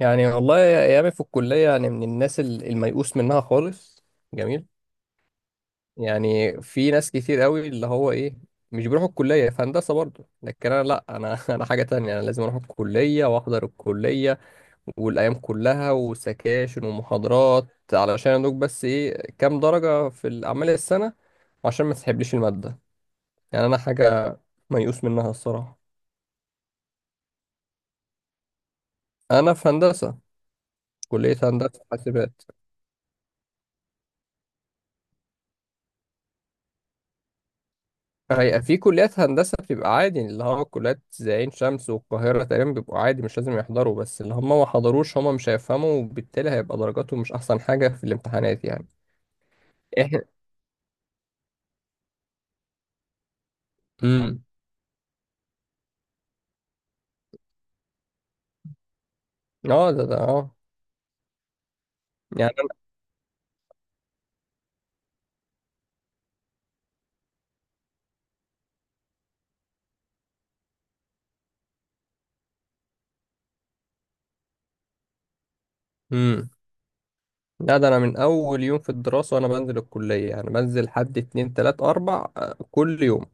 يعني والله ايامي في الكليه، يعني من الناس الميؤوس منها خالص. جميل. يعني في ناس كتير قوي اللي هو ايه مش بيروحوا الكليه في هندسه برضه، لكن انا لا، انا انا حاجه تانية، انا لازم اروح الكليه واحضر الكليه والايام كلها وسكاشن ومحاضرات، علشان ادوك بس ايه كام درجه في الاعمال السنه، عشان ما تسحبليش الماده. يعني انا حاجه ميؤوس منها الصراحه. انا في هندسه. كليه هندسه حاسبات. هي في كليات هندسة بتبقى عادي، اللي هو كليات زي عين شمس والقاهرة تقريبا بيبقوا عادي مش لازم يحضروا، بس اللي هم ما حضروش هم مش هيفهموا، وبالتالي هيبقى درجاتهم مش أحسن حاجة في الامتحانات يعني. احنا. امم. اه، ده اه. يعني انا. امم. لا، ده انا من اول يوم في الدراسه وانا بنزل الكليه، يعني بنزل حد اتنين تلات اربع كل يوم.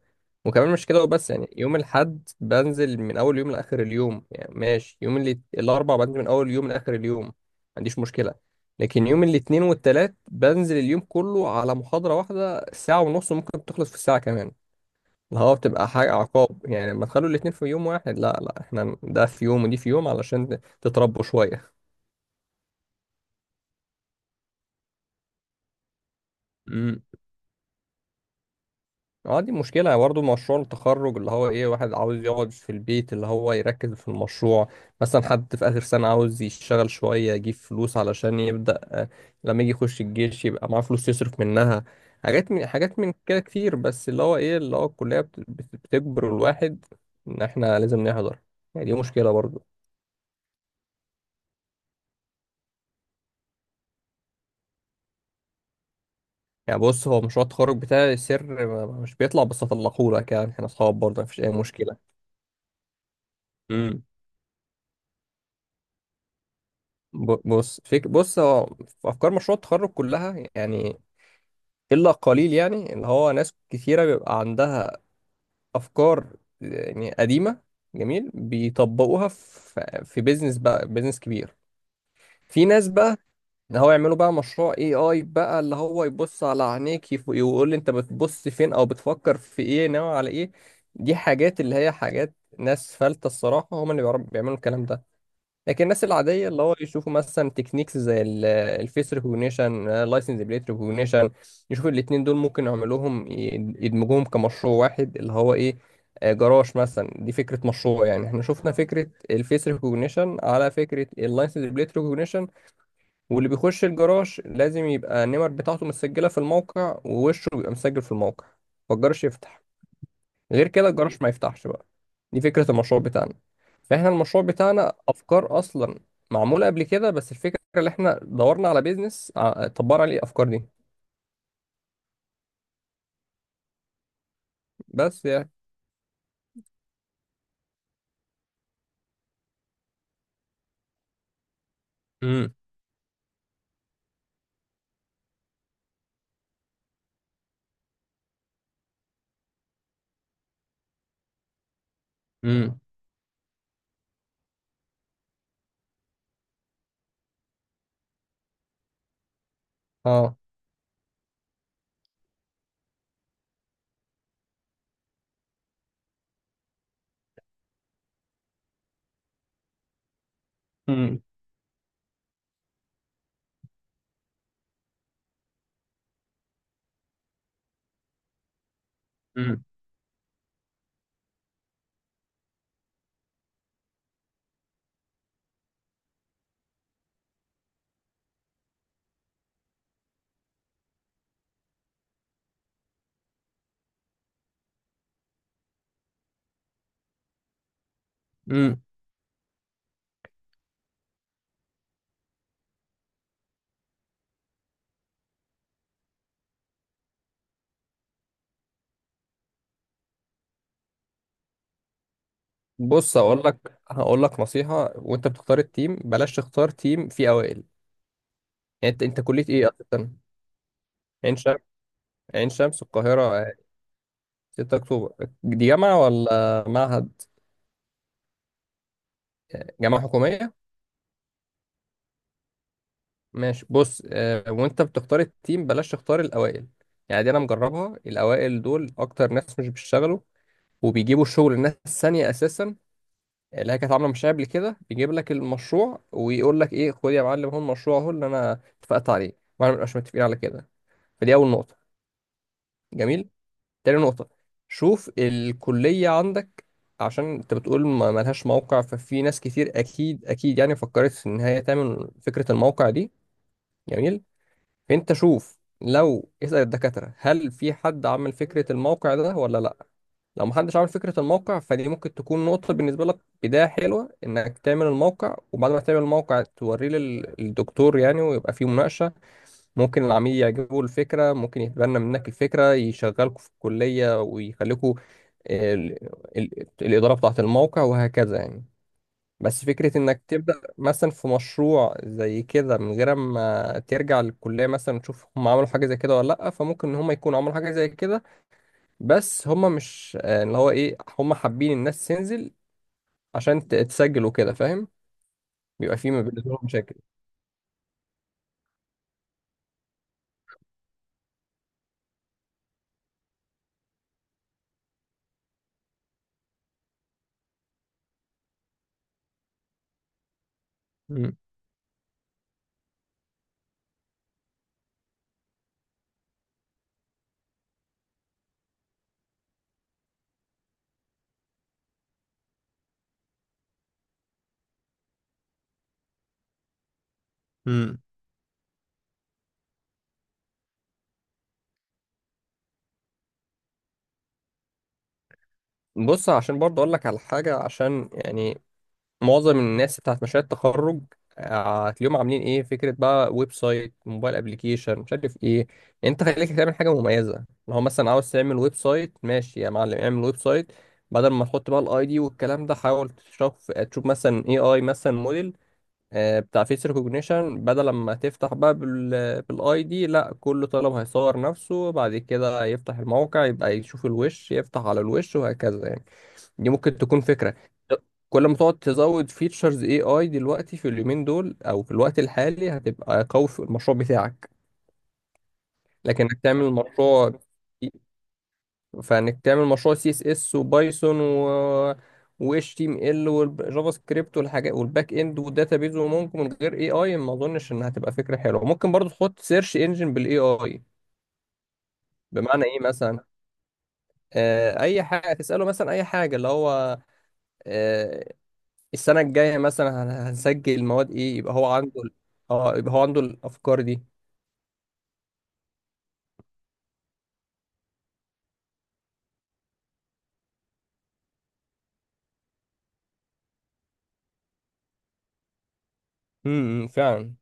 وكمان مش كده وبس، يعني يوم الحد بنزل من اول يوم لاخر اليوم، يعني ماشي، يوم اللي الاربع بنزل من اول يوم لاخر اليوم ما عنديش مشكله. لكن يوم الاثنين والتلات بنزل اليوم كله على محاضره واحده ساعه ونص وممكن تخلص في الساعه كمان، اللي هو بتبقى حاجه عقاب يعني، لما تخلوا الاثنين في يوم واحد، لا لا احنا ده في يوم ودي في يوم علشان تتربوا شويه. مم. اه، دي مشكلة برضه مشروع التخرج، اللي هو ايه واحد عاوز يقعد في البيت اللي هو يركز في المشروع، مثلا حد في آخر سنة عاوز يشتغل شوية يجيب فلوس علشان يبدأ لما يجي يخش الجيش يبقى معاه فلوس يصرف منها. حاجات من كده كتير، بس اللي هو ايه اللي هو الكلية بتجبر الواحد ان احنا لازم نحضر، يعني دي مشكلة برضه. يعني بص، هو مشروع التخرج بتاعي سر، مش بيطلع، بس هطلقهولك يعني احنا اصحاب برضه مفيش اي مشكلة. بص فيك، بص، هو في افكار مشروع التخرج كلها يعني الا قليل، يعني اللي هو ناس كثيره بيبقى عندها افكار يعني قديمه جميل بيطبقوها في بيزنس بقى، بيزنس كبير. في ناس بقى اللي هو يعملوا بقى مشروع اي اي بقى اللي هو يبص على عينيك، يقول لي انت بتبص فين او بتفكر في ايه ناوي على ايه. دي حاجات اللي هي حاجات ناس فلتة الصراحة، هم اللي بيعملوا الكلام ده. لكن الناس العادية اللي هو يشوفوا مثلا تكنيكس زي الفيس ريكوجنيشن، لايسنس بليت ريكوجنيشن، يشوفوا الاتنين دول ممكن يعملوهم، يدمجوهم كمشروع واحد اللي هو ايه جراج مثلا. دي فكرة مشروع يعني، احنا شفنا فكرة الفيس ريكوجنيشن على فكرة اللايسنس بليت ريكوجنيشن، واللي بيخش الجراج لازم يبقى النمر بتاعته مسجلة في الموقع ووشه بيبقى مسجل في الموقع، فالجراج يفتح. غير كده الجراج ما يفتحش بقى. دي فكرة المشروع بتاعنا. فاحنا المشروع بتاعنا افكار اصلا معمولة قبل كده، بس الفكرة اللي احنا دورنا على بيزنس، طبقنا عليه الافكار دي. بس يعني. امم. امم. اه. امم. امم. امم. بص، هقول لك نصيحة، وانت بتختار التيم بلاش تختار تيم فيه اوائل. يعني انت كلية ايه اصلا؟ عين شمس، عين شمس القاهرة، آه، 6 اكتوبر. دي جامعة ولا معهد؟ آه، جامعة حكومية. ماشي. بص، وانت بتختار التيم بلاش تختار الاوائل، يعني دي انا مجربها، الاوائل دول اكتر ناس مش بيشتغلوا، وبيجيبوا الشغل الناس الثانيه اساسا، اللي هي كانت عامله مشاريع قبل كده، بيجيب لك المشروع ويقول لك ايه خد يا معلم هو المشروع اهو اللي انا اتفقت عليه، واحنا مبنبقاش متفقين على كده. فدي اول نقطه. جميل. تاني نقطه، شوف الكليه عندك، عشان انت بتقول ما ملهاش موقع، ففي ناس كتير اكيد اكيد يعني فكرت في ان هي تعمل فكره الموقع دي. جميل. انت شوف لو اسأل الدكاترة هل في حد عمل فكرة الموقع ده ولا لا. لو محدش عمل فكرة الموقع فدي ممكن تكون نقطة بالنسبة لك، بداية حلوة انك تعمل الموقع، وبعد ما تعمل الموقع توريه للدكتور يعني ويبقى فيه مناقشة. ممكن العميل يعجبه الفكرة، ممكن يتبنى منك الفكرة يشغلكوا في الكلية ويخليكوا ال- الإدارة بتاعة الموقع وهكذا يعني. بس فكرة انك تبدأ مثلا في مشروع زي كده من غير ما ترجع للكلية مثلا تشوف هم عملوا حاجة زي كده ولا لأ، فممكن ان هم يكونوا عملوا حاجة زي كده، بس هم مش اللي هو ايه هم حابين الناس تنزل عشان تسجل وكده فاهم، بيبقى في ما بينهم مشاكل. مم. امم بص، عشان برضه اقول لك على حاجة، عشان يعني معظم الناس بتاعت مشاريع التخرج هتلاقيهم عاملين ايه فكره بقى ويب سايت، موبايل ابلكيشن، مش عارف ايه، يعني انت خليك تعمل حاجه مميزه. لو هو مثلا عاوز تعمل ويب سايت ماشي يا معلم اعمل ويب سايت، بدل ما تحط بقى الاي دي والكلام ده حاول تشوف، مثلا اي اي، مثلا موديل بتاع فيس ريكوجنيشن، بدل ما تفتح بقى بالاي دي، لا كل طالب هيصور نفسه بعد كده يفتح الموقع يبقى يشوف الوش يفتح على الوش وهكذا يعني. دي ممكن تكون فكرة. كل ما تقعد تزود فيتشرز اي اي دلوقتي في اليومين دول او في الوقت الحالي هتبقى قوي في المشروع بتاعك. لكن انك تعمل مشروع، فانك تعمل مشروع سي اس اس وبايثون و اتش تي ام ال والجافا سكريبت والحاجات والباك اند والداتابيز وممكن من غير اي اي، ما اظنش انها هتبقى فكره حلوه. ممكن برضو تحط سيرش انجن بالاي اي. بمعنى ايه مثلا؟ آه، اي حاجه تساله، مثلا اي حاجه اللي هو آه، السنة الجاية مثلا هنسجل مواد ايه، يبقى هو عنده اه، يبقى هو عنده الافكار دي. فعلا.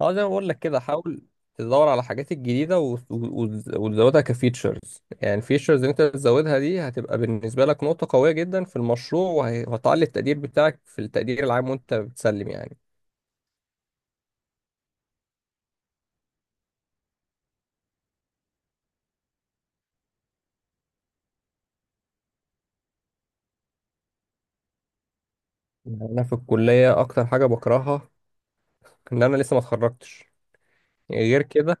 اه، زي ما بقول لك كده حاول تدور على الحاجات الجديدة وتزودها كفيتشرز، يعني الفيتشرز اللي انت تزودها دي هتبقى بالنسبة لك نقطة قوية جدا في المشروع، وهتعلي التقدير بتاعك في التقدير العام وانت بتسلم يعني. يعني انا في الكلية اكتر حاجة بكرهها ان انا لسه ما اتخرجتش. غير كده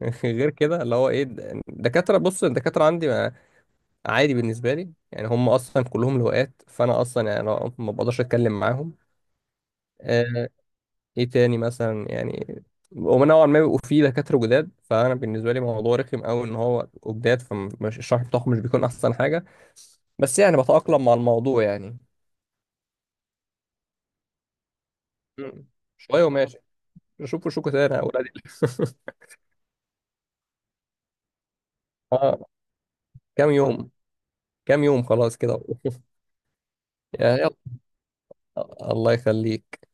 غير كده اللي هو ايه الدكاترة. بص الدكاترة عندي عادي بالنسبة لي، يعني هم أصلا كلهم لواءات فأنا أصلا يعني أنا ما بقدرش أتكلم معاهم. آه، إيه تاني مثلا يعني؟ هما نوعا ما بيبقوا فيه دكاترة جداد، فأنا بالنسبة لي موضوع رخم أوي إن هو بيبقوا جداد، فالشرح بتاعهم مش بيكون أحسن حاجة، بس يعني بتأقلم مع الموضوع يعني. مم. شوية وماشي، شوفوا شو تاني يا أولادي. آه، كام يوم، كام يوم خلاص كده. يا يلا، الله يخليك.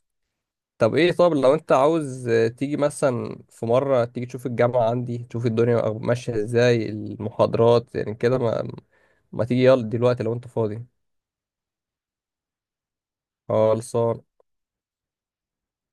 طب ايه، طب لو انت عاوز تيجي مثلا في مرة تيجي تشوف الجامعة عندي، تشوف الدنيا ماشية ازاي المحاضرات، يعني كده، ما تيجي يلا دلوقتي لو انت فاضي. خلصان.